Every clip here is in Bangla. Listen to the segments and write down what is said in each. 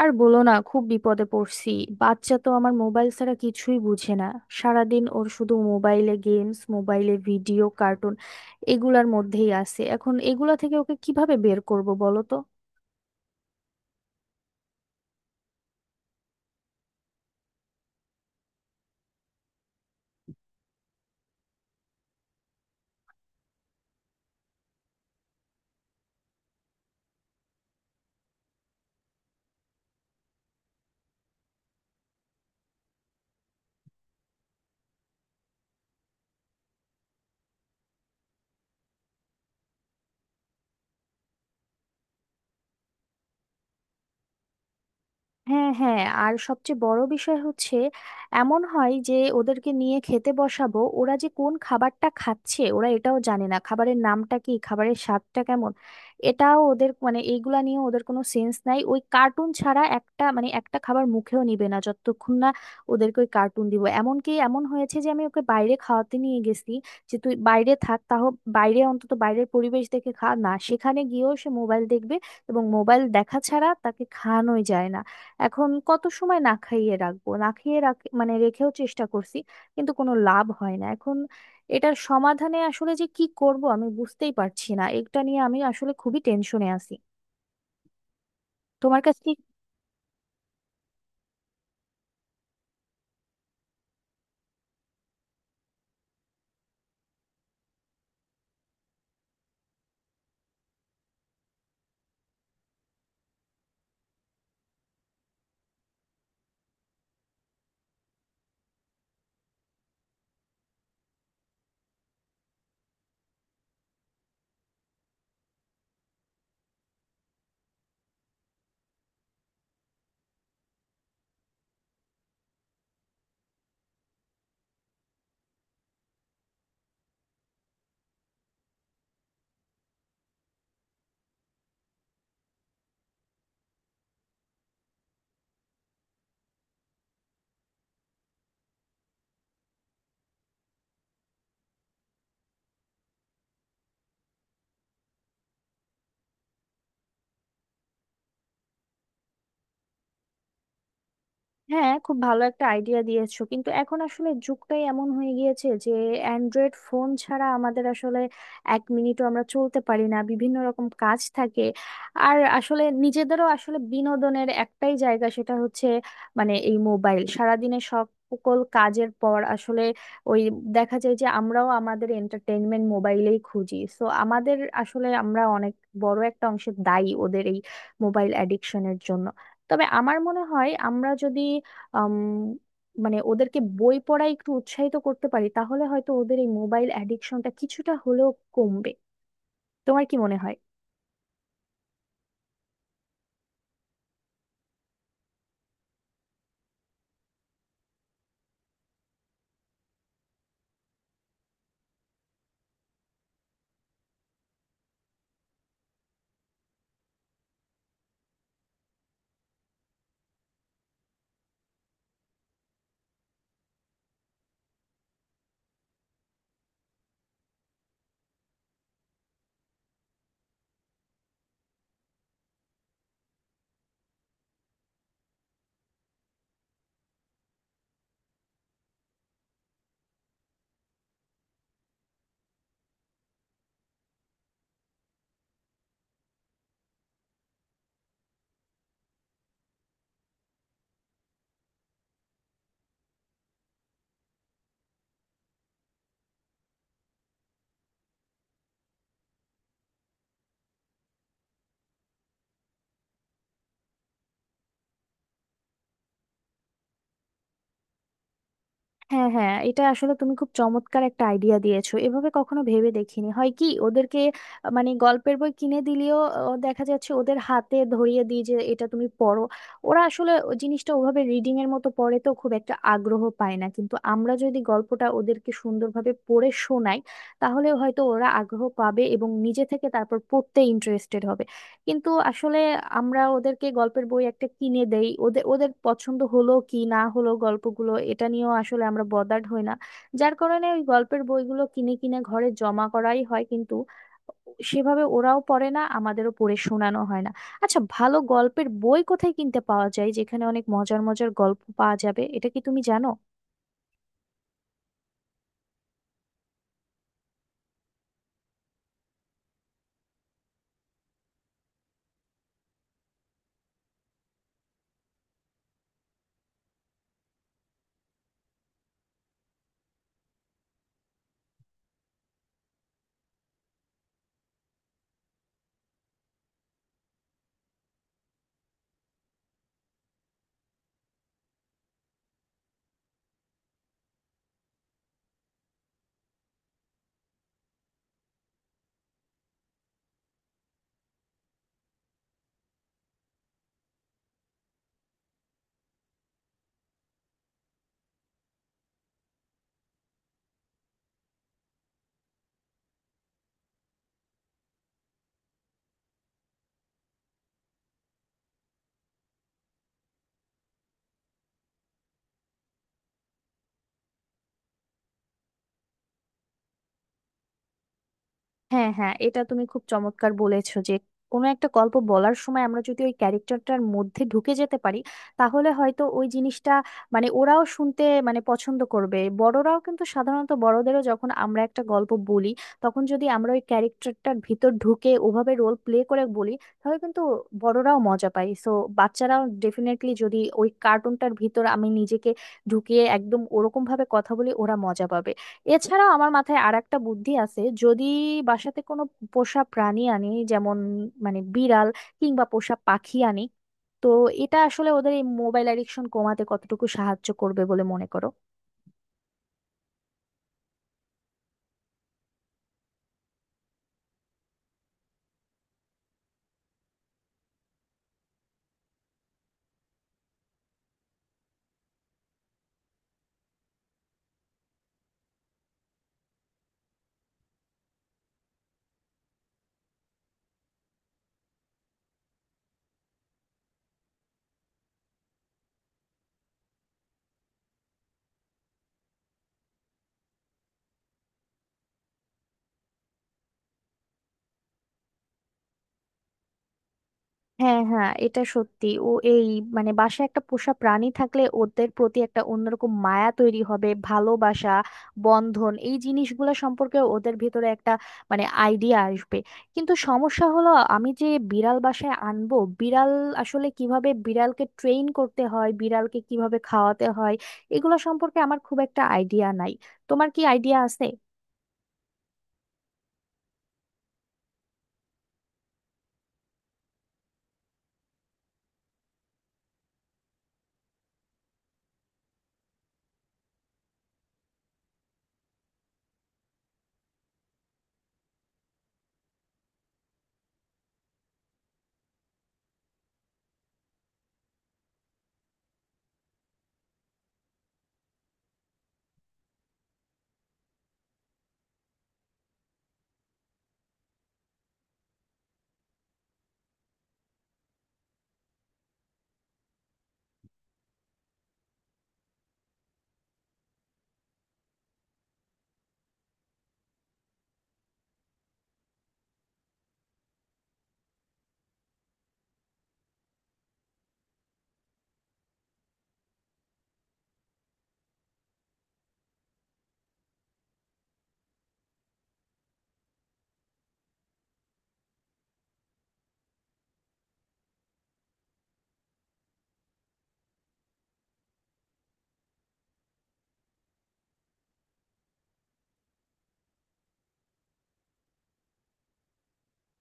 আর বলো না, খুব বিপদে পড়ছি। বাচ্চা তো আমার মোবাইল ছাড়া কিছুই বুঝে না। সারাদিন ওর শুধু মোবাইলে গেমস, মোবাইলে ভিডিও, কার্টুন এগুলার মধ্যেই আছে। এখন এগুলা থেকে ওকে কিভাবে বের করব বলো তো। হ্যাঁ, হ্যাঁ, আর সবচেয়ে বড় বিষয় হচ্ছে, এমন হয় যে ওদেরকে নিয়ে খেতে বসাবো, ওরা যে কোন খাবারটা খাচ্ছে ওরা এটাও জানে না, খাবারের নামটা কি, খাবারের স্বাদটা কেমন। এটাও ওদের, মানে এইগুলা নিয়ে ওদের কোনো সেন্স নাই। ওই কার্টুন ছাড়া একটা, মানে একটা খাবার মুখেও নিবে না যতক্ষণ না ওদেরকে ওই কার্টুন দিব। এমনকি এমন হয়েছে যে আমি ওকে বাইরে খাওয়াতে নিয়ে গেছি, যে তুই বাইরে থাক তাহলে, বাইরে অন্তত বাইরের পরিবেশ দেখে খা না, সেখানে গিয়েও সে মোবাইল দেখবে এবং মোবাইল দেখা ছাড়া তাকে খাওয়ানোই যায় না। এখন কত সময় না খাইয়ে রাখবো, না খাইয়ে রাখ, মানে রেখেও চেষ্টা করছি, কিন্তু কোনো লাভ হয় না। এখন এটার সমাধানে আসলে যে কি করব আমি বুঝতেই পারছি না, এটা নিয়ে আমি আসলে খুবই টেনশনে আছি। তোমার কাছে... হ্যাঁ, খুব ভালো একটা আইডিয়া দিয়েছো, কিন্তু এখন আসলে যুগটাই এমন হয়ে গিয়েছে যে অ্যান্ড্রয়েড ফোন ছাড়া আমাদের আসলে 1 মিনিটও আমরা চলতে পারি না, বিভিন্ন রকম কাজ থাকে। আর আসলে নিজেদেরও আসলে বিনোদনের একটাই জায়গা, সেটা হচ্ছে মানে এই মোবাইল। সারাদিনে সব সকল কাজের পর আসলে ওই দেখা যায় যে আমরাও আমাদের এন্টারটেইনমেন্ট মোবাইলেই খুঁজি। সো আমাদের আসলে আমরা অনেক বড় একটা অংশে দায়ী ওদের এই মোবাইল অ্যাডিকশনের জন্য। তবে আমার মনে হয় আমরা যদি আম, মানে ওদেরকে বই পড়ায় একটু উৎসাহিত করতে পারি তাহলে হয়তো ওদের এই মোবাইল অ্যাডিকশনটা কিছুটা হলেও কমবে। তোমার কি মনে হয়? হ্যাঁ, হ্যাঁ, এটা আসলে তুমি খুব চমৎকার একটা আইডিয়া দিয়েছো, এভাবে কখনো ভেবে দেখিনি। হয় কি, ওদেরকে মানে গল্পের বই কিনে দিলেও দেখা যাচ্ছে ওদের হাতে ধরিয়ে দিই যে এটা তুমি পড়ো, ওরা আসলে ওই জিনিসটা ওভাবে রিডিং এর মতো পড়ে তো খুব একটা আগ্রহ পায় না। কিন্তু আমরা যদি গল্পটা ওদেরকে সুন্দরভাবে পড়ে শোনাই তাহলে হয়তো ওরা আগ্রহ পাবে এবং নিজে থেকে তারপর পড়তে ইন্টারেস্টেড হবে। কিন্তু আসলে আমরা ওদেরকে গল্পের বই একটা কিনে দেই, ওদের ওদের পছন্দ হলো কি না হলো গল্পগুলো, এটা নিয়েও আসলে আমরা বদার্ড হই না। যার কারণে ওই গল্পের বইগুলো কিনে কিনে ঘরে জমা করাই হয় কিন্তু সেভাবে ওরাও পড়ে না, আমাদেরও পড়ে শোনানো হয় না। আচ্ছা, ভালো গল্পের বই কোথায় কিনতে পাওয়া যায় যেখানে অনেক মজার মজার গল্প পাওয়া যাবে, এটা কি তুমি জানো? হ্যাঁ, হ্যাঁ, এটা তুমি খুব চমৎকার বলেছো যে কোনো একটা গল্প বলার সময় আমরা যদি ওই ক্যারেক্টারটার মধ্যে ঢুকে যেতে পারি তাহলে হয়তো ওই জিনিসটা, মানে ওরাও শুনতে মানে পছন্দ করবে। বড়রাও কিন্তু সাধারণত, বড়দেরও যখন আমরা একটা গল্প বলি, তখন যদি আমরা ওই ক্যারেক্টারটার ভিতর ঢুকে ওভাবে রোল প্লে করে বলি, তাহলে কিন্তু বড়রাও মজা পায়। সো বাচ্চারাও ডেফিনেটলি, যদি ওই কার্টুনটার ভিতর আমি নিজেকে ঢুকিয়ে একদম ওরকম ভাবে কথা বলি, ওরা মজা পাবে। এছাড়াও আমার মাথায় আর একটা বুদ্ধি আছে, যদি বাসাতে কোনো পোষা প্রাণী আনি, যেমন মানে বিড়াল কিংবা পোষা পাখি আনি, তো এটা আসলে ওদের এই মোবাইল অ্যাডিকশন কমাতে কতটুকু সাহায্য করবে বলে মনে করো? হ্যাঁ, হ্যাঁ, এটা সত্যি। ও এই মানে বাসায় একটা পোষা প্রাণী থাকলে ওদের প্রতি একটা অন্যরকম মায়া তৈরি হবে, ভালোবাসা, বন্ধন, এই জিনিসগুলো সম্পর্কে ওদের ভিতরে একটা মানে আইডিয়া আসবে। কিন্তু সমস্যা হলো আমি যে বিড়াল বাসায় আনবো, বিড়াল আসলে কিভাবে বিড়ালকে ট্রেন করতে হয়, বিড়ালকে কিভাবে খাওয়াতে হয় এগুলো সম্পর্কে আমার খুব একটা আইডিয়া নাই। তোমার কি আইডিয়া আছে?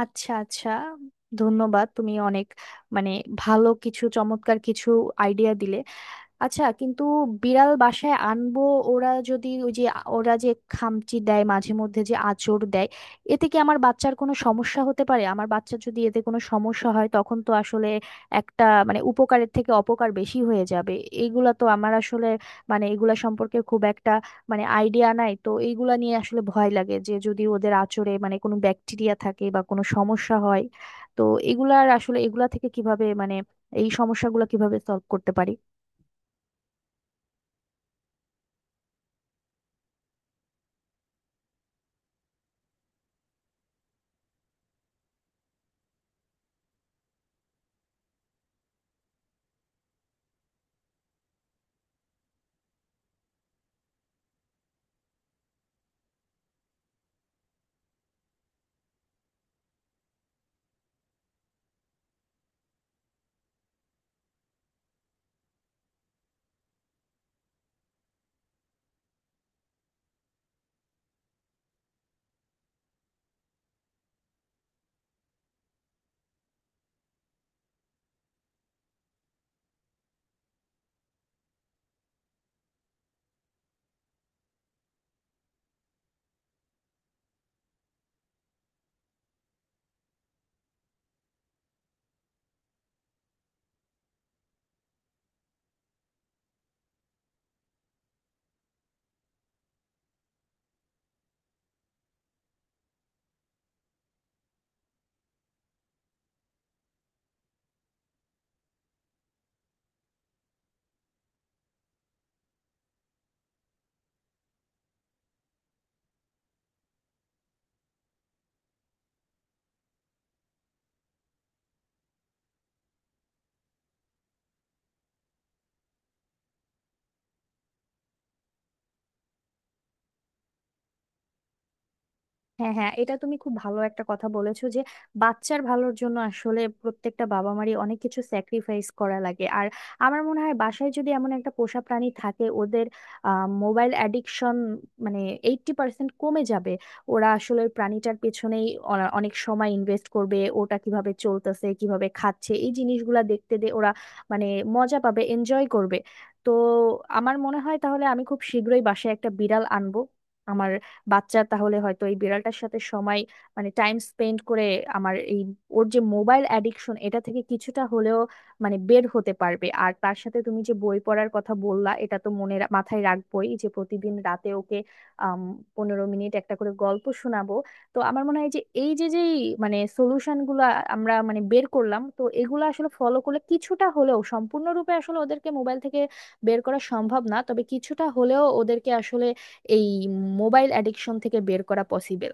আচ্ছা, আচ্ছা, ধন্যবাদ। তুমি অনেক মানে ভালো কিছু, চমৎকার কিছু আইডিয়া দিলে। আচ্ছা কিন্তু বিড়াল বাসায় আনবো, ওরা যদি ওই যে ওরা যে খামচি দেয়, মাঝে মধ্যে যে আঁচড় দেয়, এতে কি আমার বাচ্চার কোনো সমস্যা হতে পারে? আমার বাচ্চা যদি এতে কোনো সমস্যা হয় তখন তো আসলে একটা মানে উপকারের থেকে অপকার বেশি হয়ে যাবে। এইগুলা তো আমার আসলে, মানে এগুলা সম্পর্কে খুব একটা মানে আইডিয়া নাই তো এইগুলা নিয়ে আসলে ভয় লাগে, যে যদি ওদের আঁচড়ে মানে কোনো ব্যাকটেরিয়া থাকে বা কোনো সমস্যা হয়, তো এগুলার আসলে, এগুলা থেকে কিভাবে মানে এই সমস্যাগুলো কিভাবে সলভ করতে পারি? হ্যাঁ, হ্যাঁ, এটা তুমি খুব ভালো একটা কথা বলেছো যে বাচ্চার ভালোর জন্য আসলে প্রত্যেকটা বাবা মারই অনেক কিছু স্যাক্রিফাইস করা লাগে। আর আমার মনে হয় বাসায় যদি এমন একটা পোষা প্রাণী থাকে ওদের মোবাইল অ্যাডিকশন, মানে 80% কমে যাবে। ওরা আসলে ওই প্রাণীটার পেছনেই অনেক সময় ইনভেস্ট করবে, ওটা কিভাবে চলতেছে, কিভাবে খাচ্ছে, এই জিনিসগুলা দেখতে দে ওরা, মানে মজা পাবে, এনজয় করবে। তো আমার মনে হয় তাহলে আমি খুব শীঘ্রই বাসায় একটা বিড়াল আনবো। আমার বাচ্চা তাহলে হয়তো এই বিড়ালটার সাথে সময়, মানে টাইম স্পেন্ড করে আমার এই ওর যে মোবাইল অ্যাডিকশন, এটা থেকে কিছুটা হলেও মানে বের হতে পারবে। আর তার সাথে তুমি যে বই পড়ার কথা বললা, এটা তো মনে মাথায় রাখবোই যে প্রতিদিন রাতে ওকে আম, 15 মিনিট একটা করে গল্প শোনাবো। তো আমার মনে হয় যে এই যে যে মানে সলিউশন গুলা আমরা মানে বের করলাম, তো এগুলো আসলে ফলো করলে কিছুটা হলেও, সম্পূর্ণরূপে আসলে ওদেরকে মোবাইল থেকে বের করা সম্ভব না, তবে কিছুটা হলেও ওদেরকে আসলে এই মোবাইল অ্যাডিকশন থেকে বের করা পসিবল।